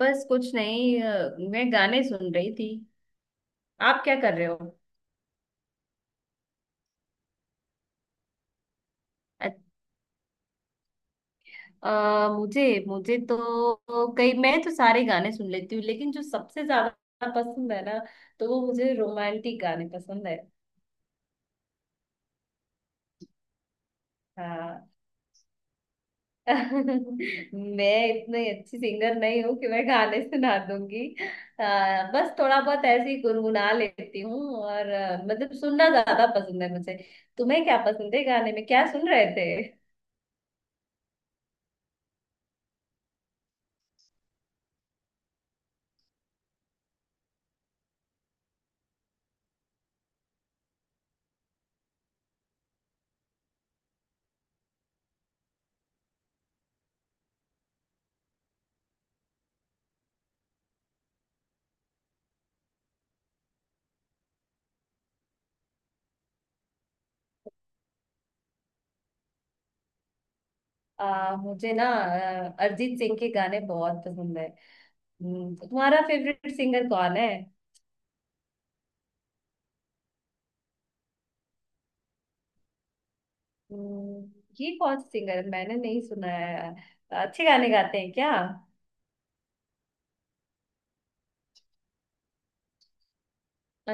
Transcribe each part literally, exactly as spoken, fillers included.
बस कुछ नहीं अ, मैं गाने सुन रही थी। आप क्या कर रहे हो? अ, अ, मुझे मुझे तो कई मैं तो सारे गाने सुन लेती हूँ लेकिन जो सबसे ज्यादा पसंद है ना, तो वो मुझे रोमांटिक गाने पसंद है। हाँ। मैं इतनी अच्छी सिंगर नहीं हूँ कि मैं गाने सुना दूंगी। अ, बस थोड़ा बहुत ऐसे ही गुनगुना लेती हूँ और अ, मतलब सुनना ज्यादा पसंद है मुझे। तुम्हें क्या पसंद है? गाने में क्या सुन रहे थे? आ, मुझे ना अ, अरिजीत सिंह के गाने बहुत पसंद है। हम्म, तुम्हारा फेवरेट सिंगर कौन है? हम्म, ये कौन सा सिंगर है? मैंने नहीं सुना है। अच्छे गाने गाते हैं क्या?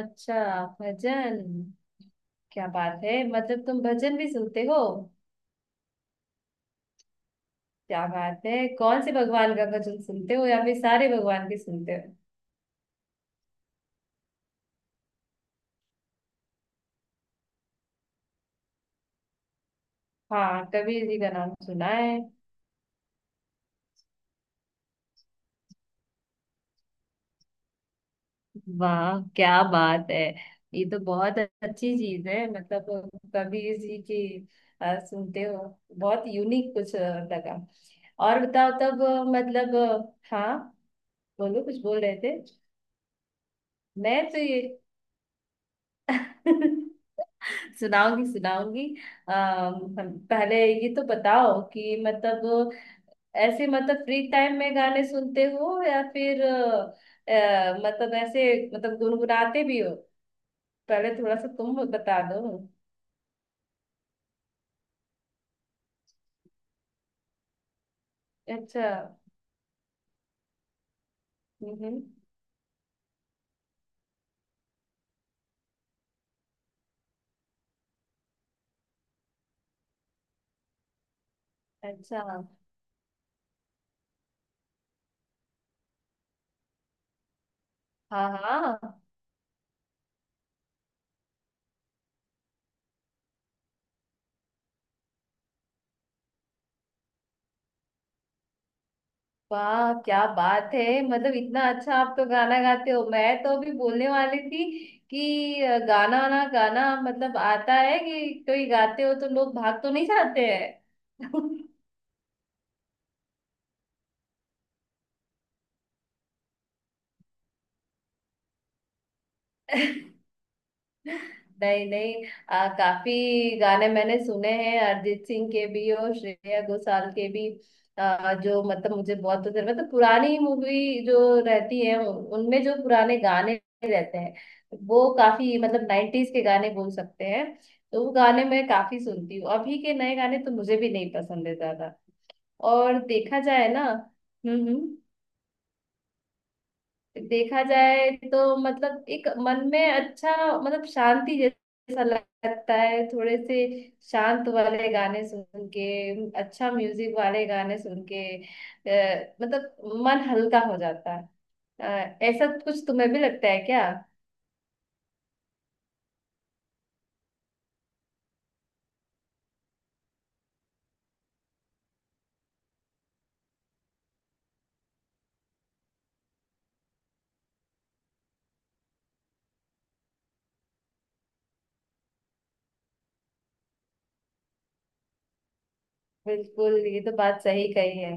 अच्छा। भजन? क्या बात है! मतलब तुम भजन भी सुनते हो? क्या बात है! कौन से भगवान का भजन सुनते हो या फिर सारे भगवान के सुनते हो? हाँ, कबीर जी का नाम सुना है। वाह क्या बात है! ये तो बहुत अच्छी चीज है। मतलब कभी इसी की अ, सुनते हो। बहुत यूनिक कुछ अ, लगा। और बताओ तब अ, मतलब अ, हाँ। बोलो, कुछ बोल रहे थे। मैं तो ये सुनाऊंगी, सुनाऊंगी। अम, हम- पहले ये तो बताओ कि मतलब ऐसे मतलब फ्री टाइम में गाने सुनते हो या फिर अ, अ, मतलब ऐसे मतलब गुनगुनाते भी हो? पहले थोड़ा सा तुम बता दो। अच्छा। हम्म। अच्छा। हाँ हाँ। वाह क्या बात है! मतलब इतना अच्छा आप तो गाना गाते हो! मैं तो अभी बोलने वाली थी कि अ, गाना ना गाना मतलब आता है कि कोई गाते हो तो लोग भाग तो नहीं जाते हैं। नहीं नहीं, आ, काफी गाने मैंने सुने हैं अरिजीत सिंह के भी और श्रेया घोषाल के भी। आ, जो मतलब मुझे बहुत पसंद मतलब पुरानी मूवी जो रहती है उन- उनमें जो पुराने गाने रहते हैं, वो काफी मतलब नाइन्टीज के गाने बोल सकते हैं। तो वो गाने मैं काफी सुनती हूँ। अभी के नए गाने तो मुझे भी नहीं पसंद है ज्यादा। और देखा जाए ना। हम्म हम्म। देखा जाए तो मतलब एक मन में अच्छा मतलब शांति जैसा लगता है। थोड़े से शांत वाले गाने सुन के, अच्छा म्यूजिक वाले गाने सुन के अ, मतलब मन हल्का हो जाता है। अ, ऐसा कुछ तुम्हें भी लगता है क्या? बिल्कुल, ये तो बात सही कही है।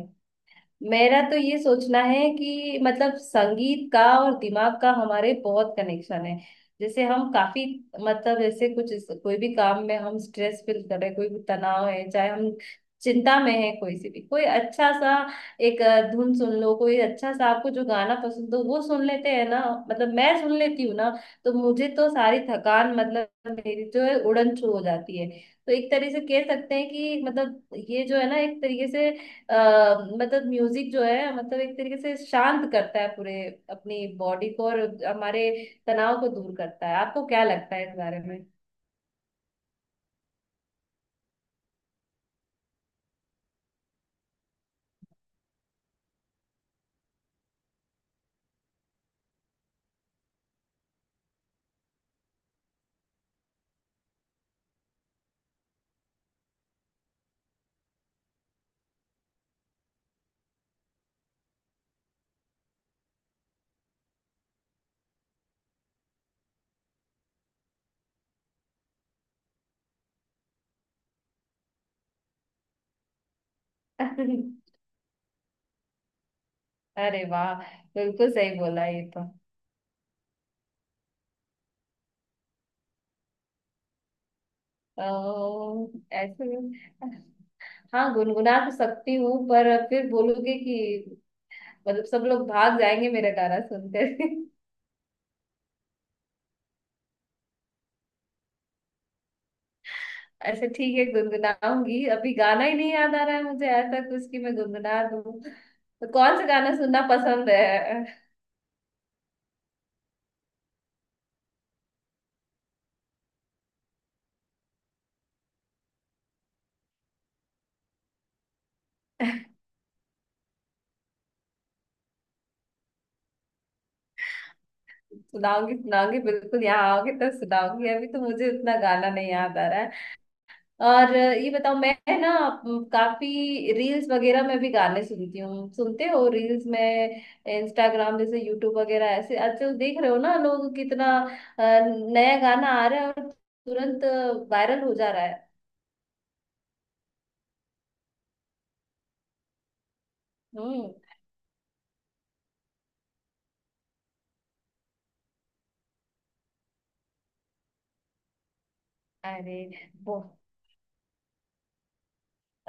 मेरा तो ये सोचना है कि मतलब संगीत का और दिमाग का हमारे बहुत कनेक्शन है। जैसे हम काफी मतलब जैसे कुछ इस- कोई भी काम में हम स्ट्रेस फील कर रहे हैं, कोई भी तनाव है, चाहे हम चिंता में है, कोई से भी कोई अच्छा सा एक अ, धुन सुन लो, कोई अच्छा सा आपको जो गाना पसंद हो वो सुन लेते हैं ना, मतलब मैं सुन लेती हूँ ना, तो मुझे तो सारी थकान मतलब मेरी जो है उड़न छू हो जाती है। तो एक तरह से कह सकते हैं कि मतलब ये जो है ना एक तरीके से अ, मतलब म्यूजिक जो है मतलब एक तरीके से शांत करता है पूरे अपनी बॉडी को और हमारे तनाव को दूर करता है। आपको क्या लगता है इस बारे में? अरे वाह! बिल्कुल सही बोला ये तो। अ, ऐसे में- हाँ, गुनगुना तो सकती हूँ पर फिर बोलोगे कि मतलब सब लोग भाग जाएंगे मेरा गाना सुनकर। अच्छा ठीक है, गुनगुनाऊंगी। अभी गाना ही नहीं याद आ रहा है मुझे ऐसा कुछ कि मैं गुनगुना दूँ। तो कौन सा गाना सुनना पसंद है? सुनाऊंगी सुनाऊंगी बिल्कुल, यहाँ आओगे तो सुनाऊंगी। अभी तो मुझे उतना गाना नहीं याद आ रहा है। और अ, ये बताओ, मैं ना अम, काफी रील्स वगैरह में भी गाने सुनती हूँ। सुनते हो रील्स में? इंस्टाग्राम जैसे, यूट्यूब वगैरह ऐसे आजकल देख रहे हो ना लोग कितना अ, नया गाना आ रहा है और तुरंत वायरल हो जा रहा है। हम्म। अरे वो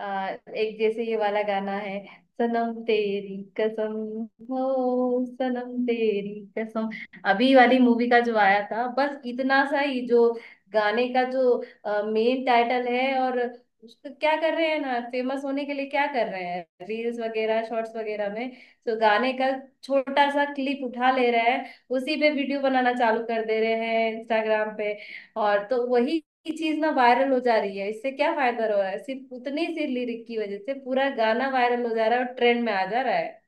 आ, एक जैसे ये वाला गाना है, सनम तेरी कसम, हो सनम तेरी कसम, अभी वाली मूवी का जो आया था। बस इतना सा ही जो गाने का जो मेन टाइटल है। और उसको क्या कर रहे हैं ना, फेमस होने के लिए क्या कर रहे हैं, रील्स वगैरह शॉर्ट्स वगैरह में तो गाने का छोटा सा क्लिप उठा ले रहे हैं, उसी पे वीडियो बनाना चालू कर दे रहे हैं इंस्टाग्राम पे। और तो वही की चीज ना वायरल हो जा रही है। इससे क्या फायदा हो रहा है? सिर्फ उतनी सी लिरिक की वजह से पूरा गाना वायरल हो जा रहा है और ट्रेंड में आ जा रहा है।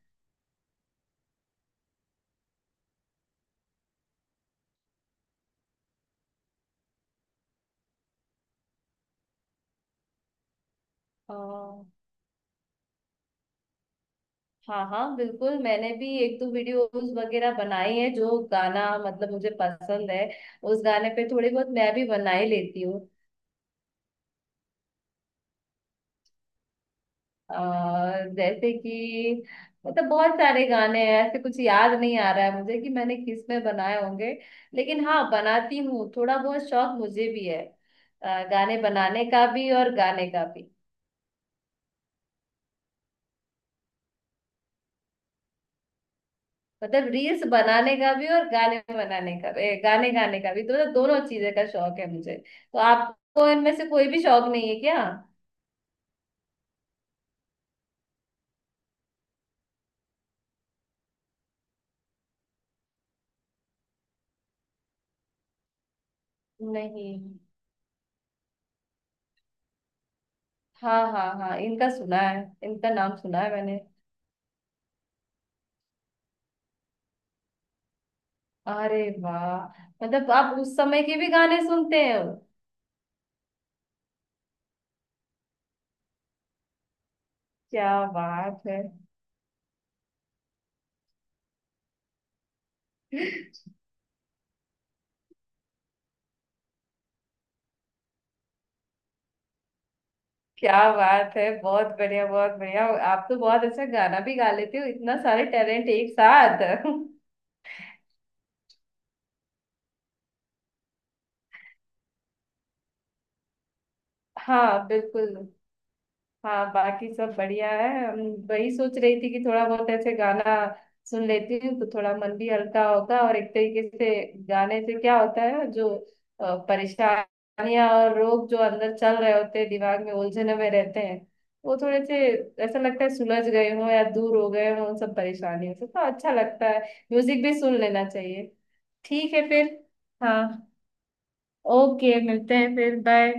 अ, हाँ हाँ बिल्कुल, मैंने भी एक दो वीडियोस वगैरह बनाई है। जो गाना मतलब मुझे पसंद है उस गाने पे थोड़ी बहुत मैं भी बना ही लेती हूँ। अ, जैसे कि मतलब बहुत सारे गाने हैं ऐसे, कुछ याद नहीं आ रहा है मुझे कि मैंने किस में बनाए होंगे। लेकिन हाँ, बनाती हूँ। थोड़ा बहुत शौक मुझे भी है अ, गाने बनाने का भी और गाने का भी। मतलब रील्स बनाने का भी और गाने बनाने का भी गाने गाने का भी, तो मतलब दोनों चीजें का शौक है मुझे। तो आपको इनमें से कोई भी शौक नहीं है क्या? नहीं। हाँ हाँ हाँ, इनका सुना है, इनका नाम सुना है मैंने। अरे वाह! मतलब आप उस समय के भी गाने सुनते हो? क्या बात है! क्या बात है, बहुत बढ़िया बहुत बढ़िया! आप तो बहुत अच्छा गाना भी गा लेते हो। इतना सारे टैलेंट एक साथ! हाँ बिल्कुल। हाँ, बाकी सब बढ़िया है। हम वही सोच रही थी कि थोड़ा बहुत ऐसे गाना सुन लेती हूँ तो थोड़ा मन भी हल्का होता है। और एक तरीके से गाने से क्या होता है जो अ, परेशानियां और रोग जो अंदर चल रहे होते हैं दिमाग में, उलझने में रहते हैं, वो थोड़े से ऐसा लगता है सुलझ गए हो या दूर हो गए हो उन सब परेशानियों से, तो अच्छा लगता है। म्यूजिक भी सुन लेना चाहिए। ठीक है फिर। हाँ। ओके, मिलते हैं फिर। बाय।